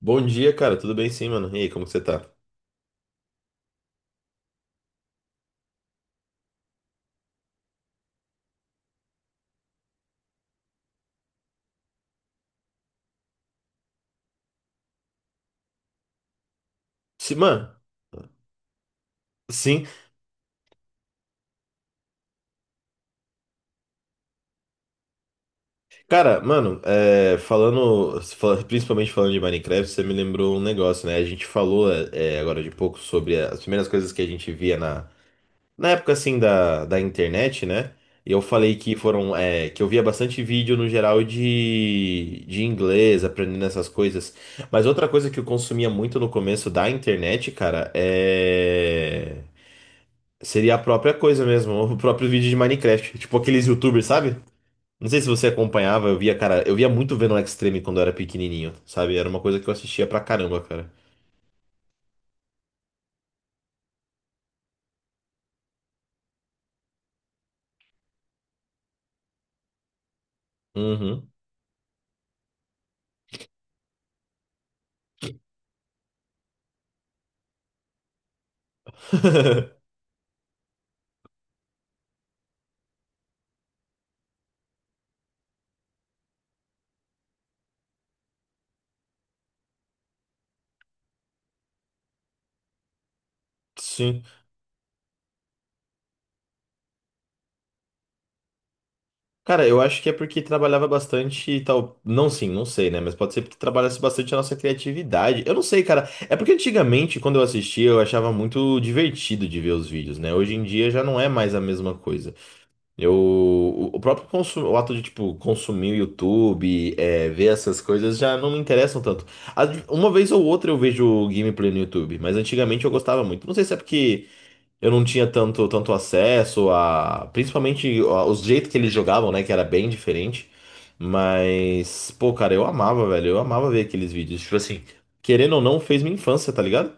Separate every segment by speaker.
Speaker 1: Bom dia, cara. Tudo bem sim, mano? E aí, como que você tá? Sim, mano. Sim. Cara, mano, principalmente falando de Minecraft, você me lembrou um negócio, né? A gente falou agora de pouco sobre as primeiras coisas que a gente via na época, assim, da internet, né? E eu falei que que eu via bastante vídeo no geral de inglês, aprendendo essas coisas. Mas outra coisa que eu consumia muito no começo da internet, cara, é. Seria a própria coisa mesmo, o próprio vídeo de Minecraft. Tipo aqueles YouTubers, sabe? Não sei se você acompanhava, eu via, cara, eu via muito vendo o Extreme quando eu era pequenininho, sabe? Era uma coisa que eu assistia pra caramba, cara. Uhum. Sim. Cara, eu acho que é porque trabalhava bastante e tal. Não, sim, não sei, né? Mas pode ser porque trabalhasse bastante a nossa criatividade. Eu não sei, cara. É porque antigamente, quando eu assistia, eu achava muito divertido de ver os vídeos, né? Hoje em dia já não é mais a mesma coisa. Eu, o próprio consu- o ato de, tipo, consumir o YouTube, ver essas coisas já não me interessam tanto. Uma vez ou outra eu vejo gameplay no YouTube, mas antigamente eu gostava muito. Não sei se é porque eu não tinha tanto acesso Principalmente os jeitos que eles jogavam, né? Que era bem diferente. Mas, pô, cara, eu amava, velho. Eu amava ver aqueles vídeos. Tipo assim, querendo ou não, fez minha infância, tá ligado?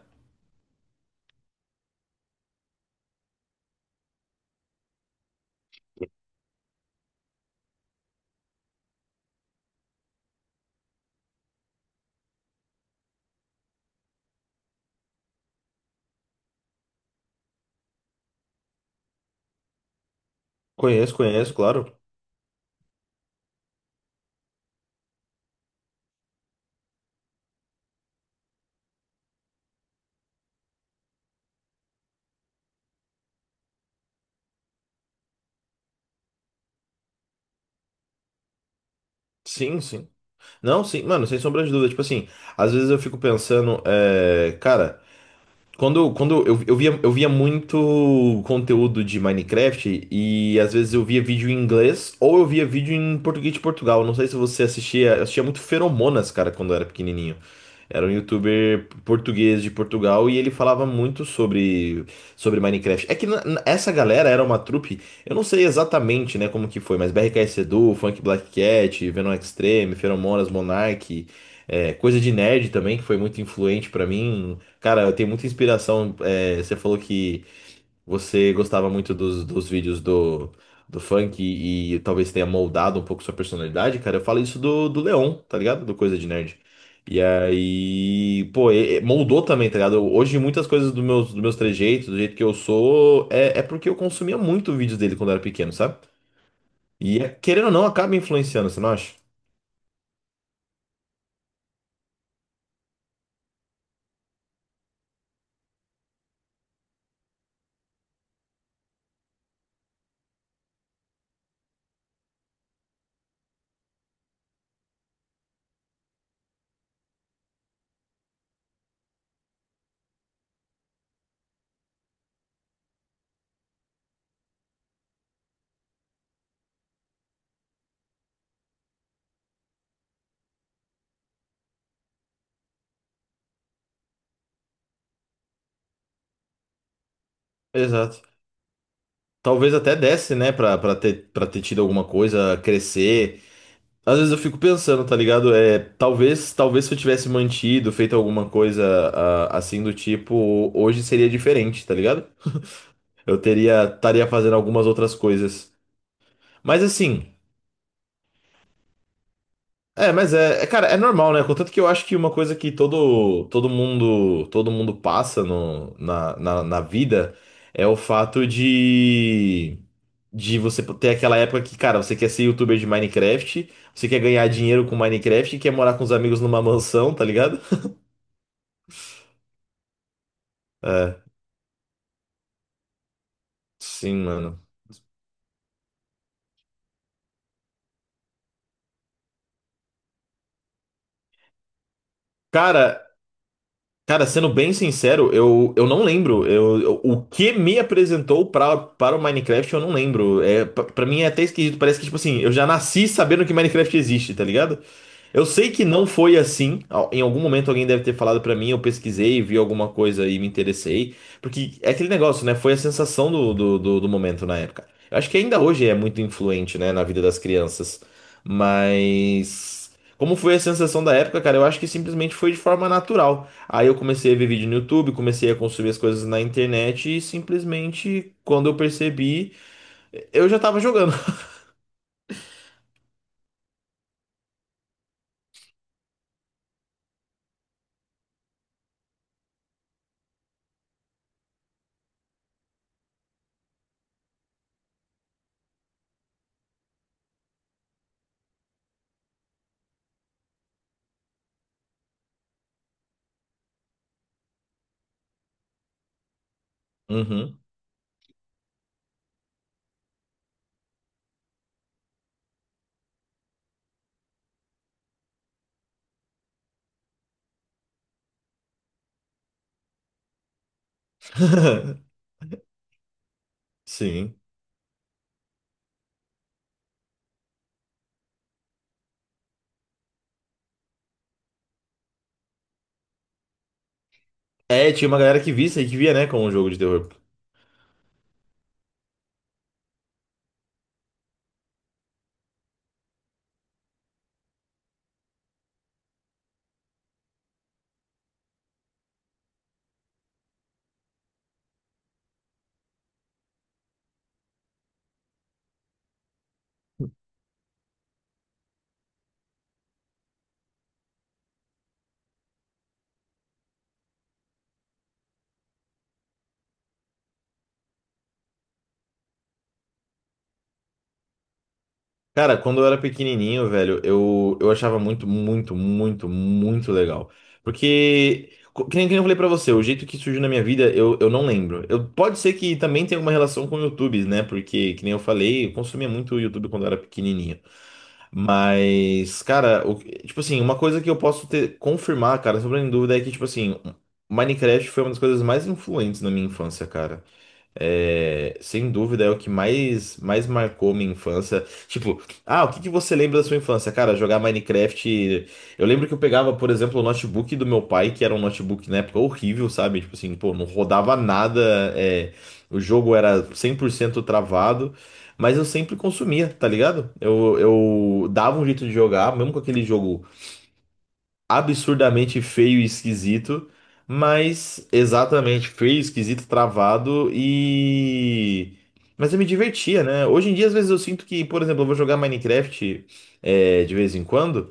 Speaker 1: Conheço, conheço, claro. Sim, sim. Não, sim, mano, sem sombra de dúvida. Tipo assim, às vezes eu fico pensando, cara, quando eu via, eu via muito conteúdo de Minecraft e às vezes eu via vídeo em inglês ou eu via vídeo em português de Portugal. Não sei se você assistia, eu assistia muito Feromonas, cara, quando eu era pequenininho. Era um youtuber português de Portugal e ele falava muito sobre Minecraft. É que essa galera era uma trupe, eu não sei exatamente, né, como que foi, mas BRKS Edu, Funk Black Cat, Venom Extreme, Feromonas, Monark, coisa de nerd também, que foi muito influente pra mim. Cara, eu tenho muita inspiração. Você falou que você gostava muito dos vídeos do funk talvez tenha moldado um pouco sua personalidade, cara. Eu falo isso do Leon, tá ligado? Do Coisa de Nerd. E aí, pô, e moldou também, tá ligado? Hoje muitas coisas dos meus trejeitos, do jeito que eu sou, é porque eu consumia muito vídeos dele quando eu era pequeno, sabe? Querendo ou não, acaba influenciando, você não acha? Exato. Talvez até desse, né, pra ter tido alguma coisa, crescer. Às vezes eu fico pensando, tá ligado? Talvez se eu tivesse mantido, feito alguma coisa assim do tipo, hoje seria diferente, tá ligado? Eu teria, estaria fazendo algumas outras coisas. Mas assim, cara, é normal, né? Contanto que eu acho que uma coisa que todo mundo passa no, na, na, na vida é o fato de você ter aquela época que, cara, você quer ser youtuber de Minecraft, você quer ganhar dinheiro com Minecraft, quer morar com os amigos numa mansão, tá ligado? Sim, mano. Cara, Cara, sendo bem sincero, eu não lembro. O que me apresentou para o Minecraft, eu não lembro. Pra pra mim é até esquisito. Parece que, tipo assim, eu já nasci sabendo que Minecraft existe, tá ligado? Eu sei que não foi assim. Em algum momento alguém deve ter falado pra mim, eu pesquisei, vi alguma coisa e me interessei. Porque é aquele negócio, né? Foi a sensação do momento na época. Eu acho que ainda hoje é muito influente, né, na vida das crianças. Mas. Como foi a sensação da época, cara? Eu acho que simplesmente foi de forma natural. Aí eu comecei a ver vídeo no YouTube, comecei a consumir as coisas na internet e simplesmente quando eu percebi, eu já tava jogando. Uhum. Sim. É, tinha uma galera que visse e que via, né, como um jogo de terror. Cara, quando eu era pequenininho, velho, eu achava muito legal. Porque, que nem eu falei pra você, o jeito que surgiu na minha vida, eu não lembro. Eu, pode ser que também tenha alguma relação com o YouTube, né? Porque, que nem eu falei, eu consumia muito o YouTube quando eu era pequenininho. Mas, cara, tipo assim, uma coisa que eu posso ter, confirmar, cara, sobre a dúvida é que, tipo assim, Minecraft foi uma das coisas mais influentes na minha infância, cara. É, sem dúvida é o que mais marcou minha infância. Tipo, ah, o que que você lembra da sua infância? Cara, jogar Minecraft. Eu lembro que eu pegava, por exemplo, o notebook do meu pai, que era um notebook na época horrível, sabe? Tipo assim, pô, não rodava nada, o jogo era 100% travado, mas eu sempre consumia, tá ligado? Eu dava um jeito de jogar, mesmo com aquele jogo absurdamente feio e esquisito, mas exatamente feio, esquisito, travado. Mas eu me divertia, né? Hoje em dia, às vezes eu sinto que, por exemplo, eu vou jogar Minecraft de vez em quando,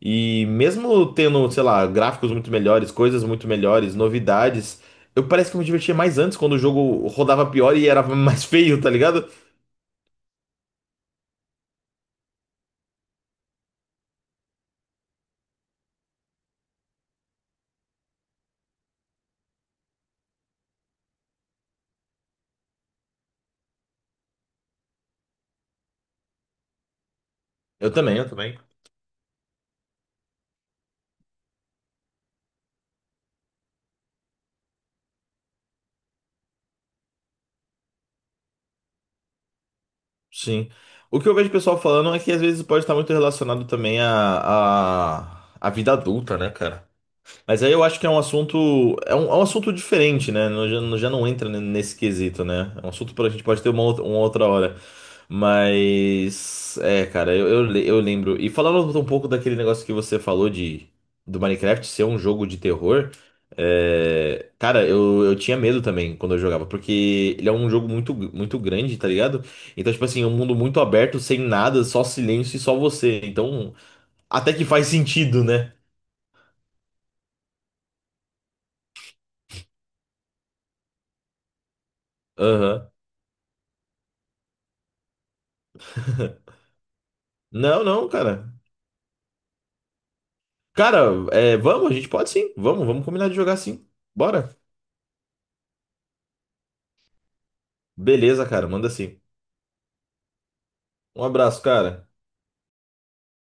Speaker 1: e mesmo tendo, sei lá, gráficos muito melhores, coisas muito melhores, novidades, eu parece que eu me divertia mais antes, quando o jogo rodava pior e era mais feio, tá ligado? Eu também, eu também. Sim. O que eu vejo o pessoal falando é que às vezes pode estar muito relacionado também à vida adulta, né, cara? Mas aí eu acho que é um assunto, é um assunto diferente, né? Já não entra nesse quesito, né? É um assunto para a gente pode ter uma outra hora. Mas, é, cara, eu lembro. E falando um pouco daquele negócio que você falou de do Minecraft ser um jogo de terror, é, cara, eu tinha medo também quando eu jogava, porque ele é um jogo muito, muito grande, tá ligado? Então, tipo assim, é um mundo muito aberto, sem nada, só silêncio e só você. Então, até que faz sentido, né? Aham. Não, não, cara. Cara, vamos, a gente pode sim. Vamos, vamos combinar de jogar sim. Bora. Beleza, cara, manda sim. Um abraço, cara.